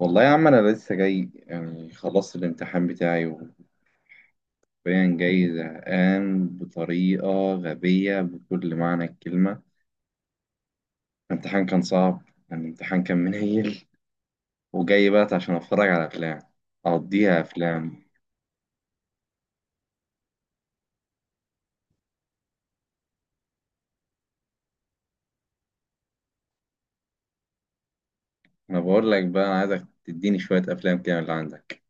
والله يا عم انا لسه جاي، يعني خلصت الامتحان بتاعي وبين جاي زهقان بطريقه غبيه بكل معنى الكلمه. الامتحان كان صعب، يعني الامتحان كان منيل. وجاي بقى عشان اتفرج على افلام، اقضيها افلام. انا بقول لك بقى، انا عايزك تديني شويه افلام كده من اللي عندك.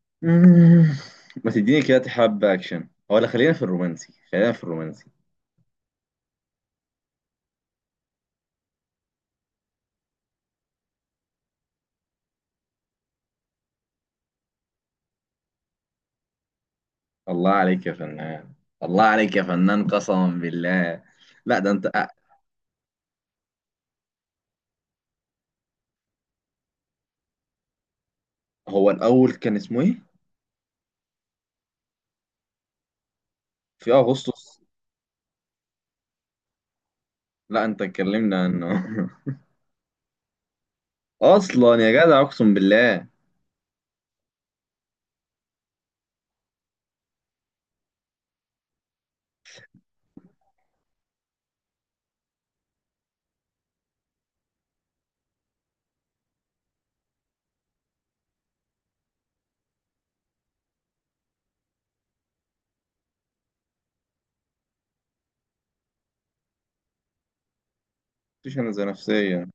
مم. ما تديني كده حبه اكشن، ولا خلينا في الرومانسي، خلينا في الرومانسي. الله عليك يا فنان. الله عليك يا فنان قسما بالله. لا ده انت، هو الاول كان اسمه ايه؟ في اغسطس. لا انت اتكلمنا عنه اصلا يا جدع اقسم بالله. مفيش انا زي نفسيا.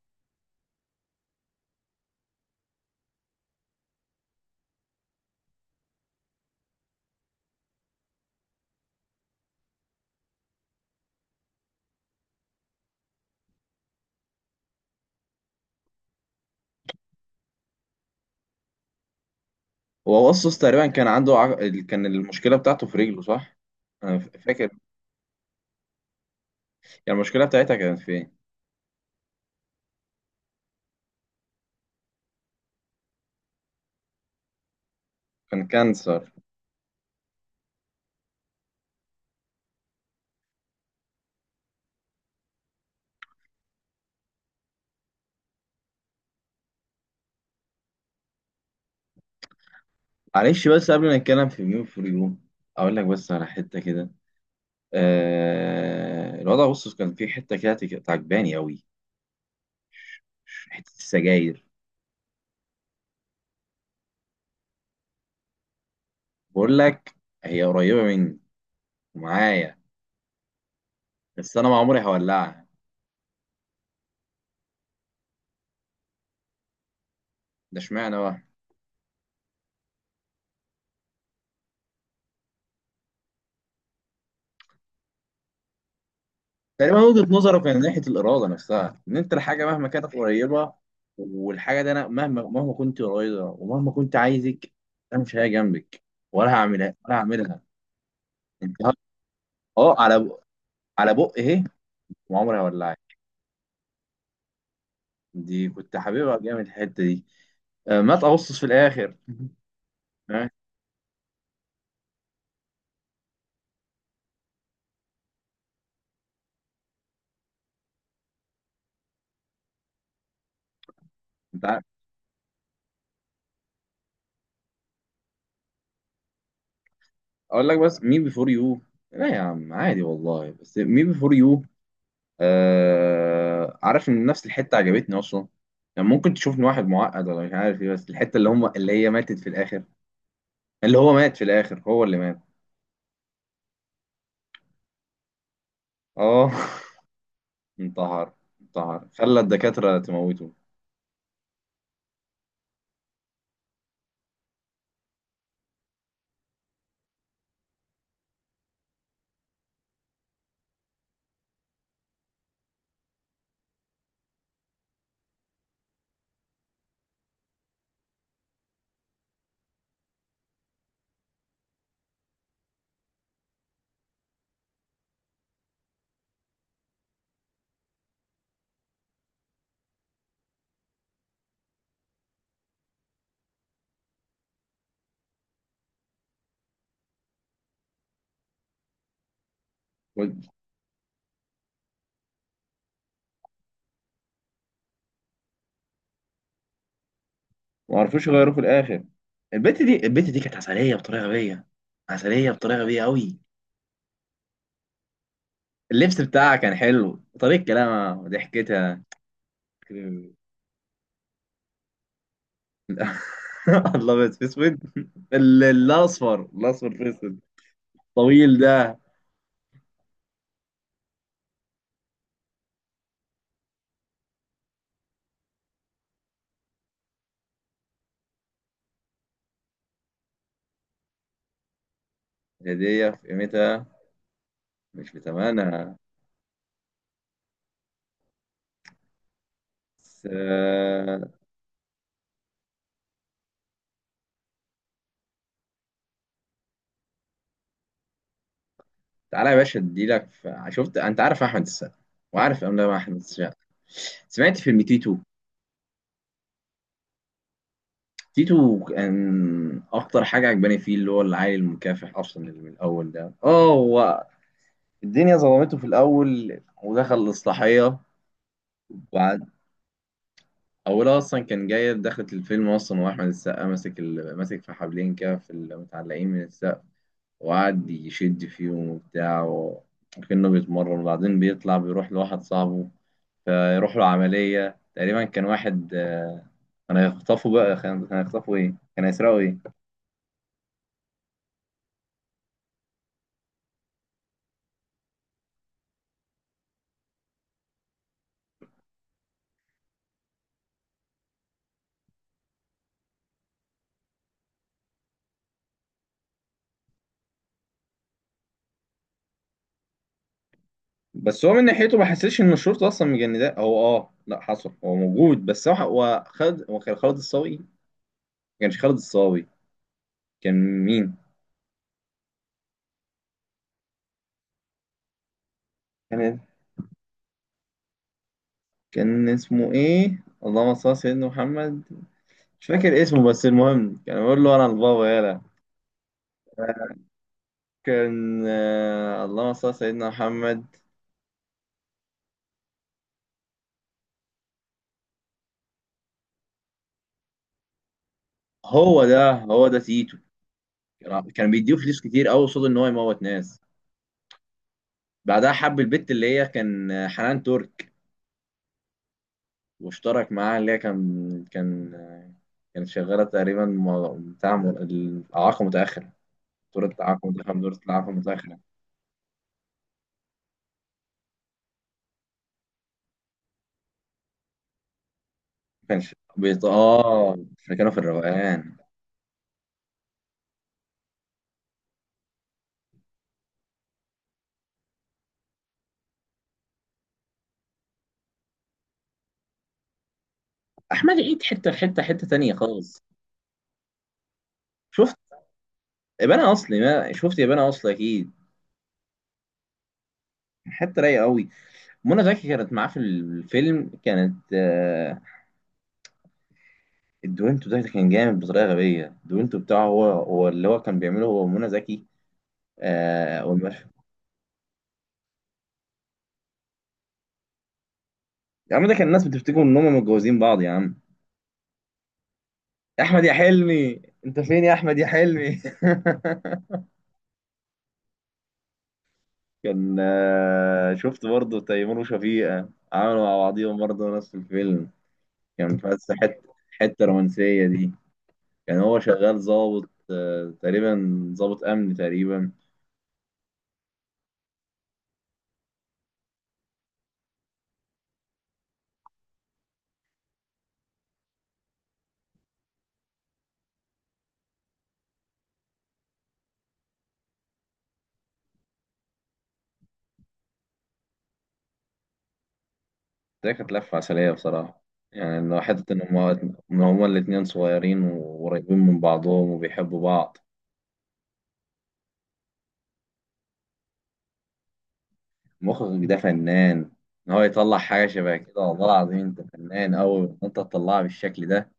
هو اغسطس تقريبا كان عنده كان المشكله بتاعته في رجله صح؟ انا فاكر. يعني المشكله بتاعتها كانت في ايه؟ كان كانسر. معلش، بس قبل ما نتكلم في ميون فور يو، اقول لك بس على حته كده. الوضع اغسطس كان فيه حته كده عجباني قوي. حته السجاير، بقول لك، هي قريبه مني ومعايا بس انا ما عمري هولعها. ده اشمعنى بقى؟ تقريبا وجهة نظره كان ناحية الإرادة نفسها، إن أنت الحاجة مهما كانت قريبة، والحاجة دي أنا مهما كنت قريبة ومهما كنت عايزك، أنا مش هي جنبك، ولا هعملها، ولا هعملها. أنت ه- أه على ب- على بق إيه، وعمري هولعك. دي كنت حاببها جامد الحتة دي. ما تقصص في الآخر. ها؟ أنت عارف، أقول لك بس مين بيفور يو. لا يا عم، عادي والله، بس مين بيفور يو. آه، عارف ان نفس الحته عجبتني اصلا. يعني ممكن تشوف ان واحد معقد ولا مش عارف ايه، بس الحته اللي هي ماتت في الاخر، اللي هو مات في الاخر، هو اللي مات. اه. انتحر. انتحر، خلى الدكاتره تموته. ما عرفوش يغيروه في الاخر. البت دي كانت عسليه بطريقه غبيه، عسليه بطريقه غبيه قوي. اللبس بتاعها كان حلو، طريقه كلامها وضحكتها. الله، بس في اسود. الاصفر في اسود طويل ده. هدية في قيمتها، مش بتمنها. بس تعالى يا باشا شفت انت عارف احمد السقا؟ وعارف افلام احمد السقا؟ سمعت فيلم تيتو؟ تيتو كان اكتر حاجه عجباني فيه اللي هو العيل المكافح اصلا، اللي من الاول ده، اه، هو الدنيا ظلمته في الاول ودخل الاصلاحيه. وبعد، اولها اصلا كان جايه، دخلت الفيلم اصلا واحمد السقا ماسك في حبلين كده في المتعلقين من السقا، وقعد يشد فيهم وبتاع وكأنه بيتمرن. وبعدين بيطلع بيروح لواحد صاحبه، فيروح له عملية. تقريبا كان واحد، كان هيخطفه بقى، كان هيخطفه ايه، كان هيسرقه ايه. بس هو من ناحيته ما حسيتش ان الشرطة اصلا مجنداه. هو اه، لا، حصل، هو موجود. بس هو هو خالد هو كان خالد الصاوي، ما كانش خالد الصاوي. كان مين؟ كان كان اسمه ايه؟ اللهم صل على سيدنا محمد. مش فاكر اسمه، بس المهم كان بيقول له انا البابا يالا. كان اللهم صل على سيدنا محمد. هو ده تيتو. كان بيديه فلوس كتير قوي قصاد ان هو يموت ناس. بعدها حب البت اللي هي كان حنان ترك. واشترك معاها اللي هي كان كانت شغاله تقريبا بتاع الاعاقه متاخره، دكتوره اعاقه متاخره. اه، احنا كانوا في الروقان. احمد عيد حته في حته، حته تانيه خالص. شفت ابانا اصلي؟ ما شفت ابانا اصلي اكيد. حته رايقه قوي. منى زكي كانت معاه في الفيلم، كانت الدوينتو ده كان جامد بطريقه غبيه. الدوينتو بتاعه هو، هو اللي كان بيعمله هو ومنى زكي. آه، والمشهد. يا عم ده كان الناس بتفتكر ان هم متجوزين بعض يا عم. يا احمد يا حلمي انت فين، يا احمد يا حلمي. كان آه، شفت برضه تيمور وشفيقة؟ عملوا مع بعضيهم برضه نفس الفيلم. كان بس حته، حته رومانسيه دي. كان هو شغال ظابط تقريبا ظابط امن تقريبا. ده كانت لفة عسلية بصراحة. يعني إنه حتة إن هما الاتنين صغيرين وقريبين من بعضهم وبيحبوا بعض. مخرج ده فنان، إن هو يطلع حاجة شبه كده. والله العظيم أنت فنان أوي إن أنت تطلعها بالشكل ده.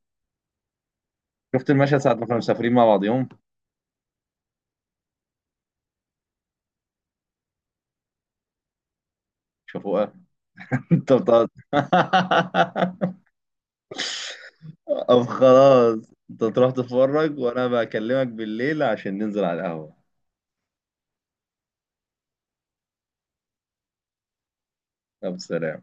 شفت المشهد ساعة ما كانوا مسافرين مع بعضهم؟ شافوها. أنت بتقعد. طب خلاص، أنت تروح تتفرج وأنا بكلمك بالليل عشان ننزل على القهوة. طب سلام.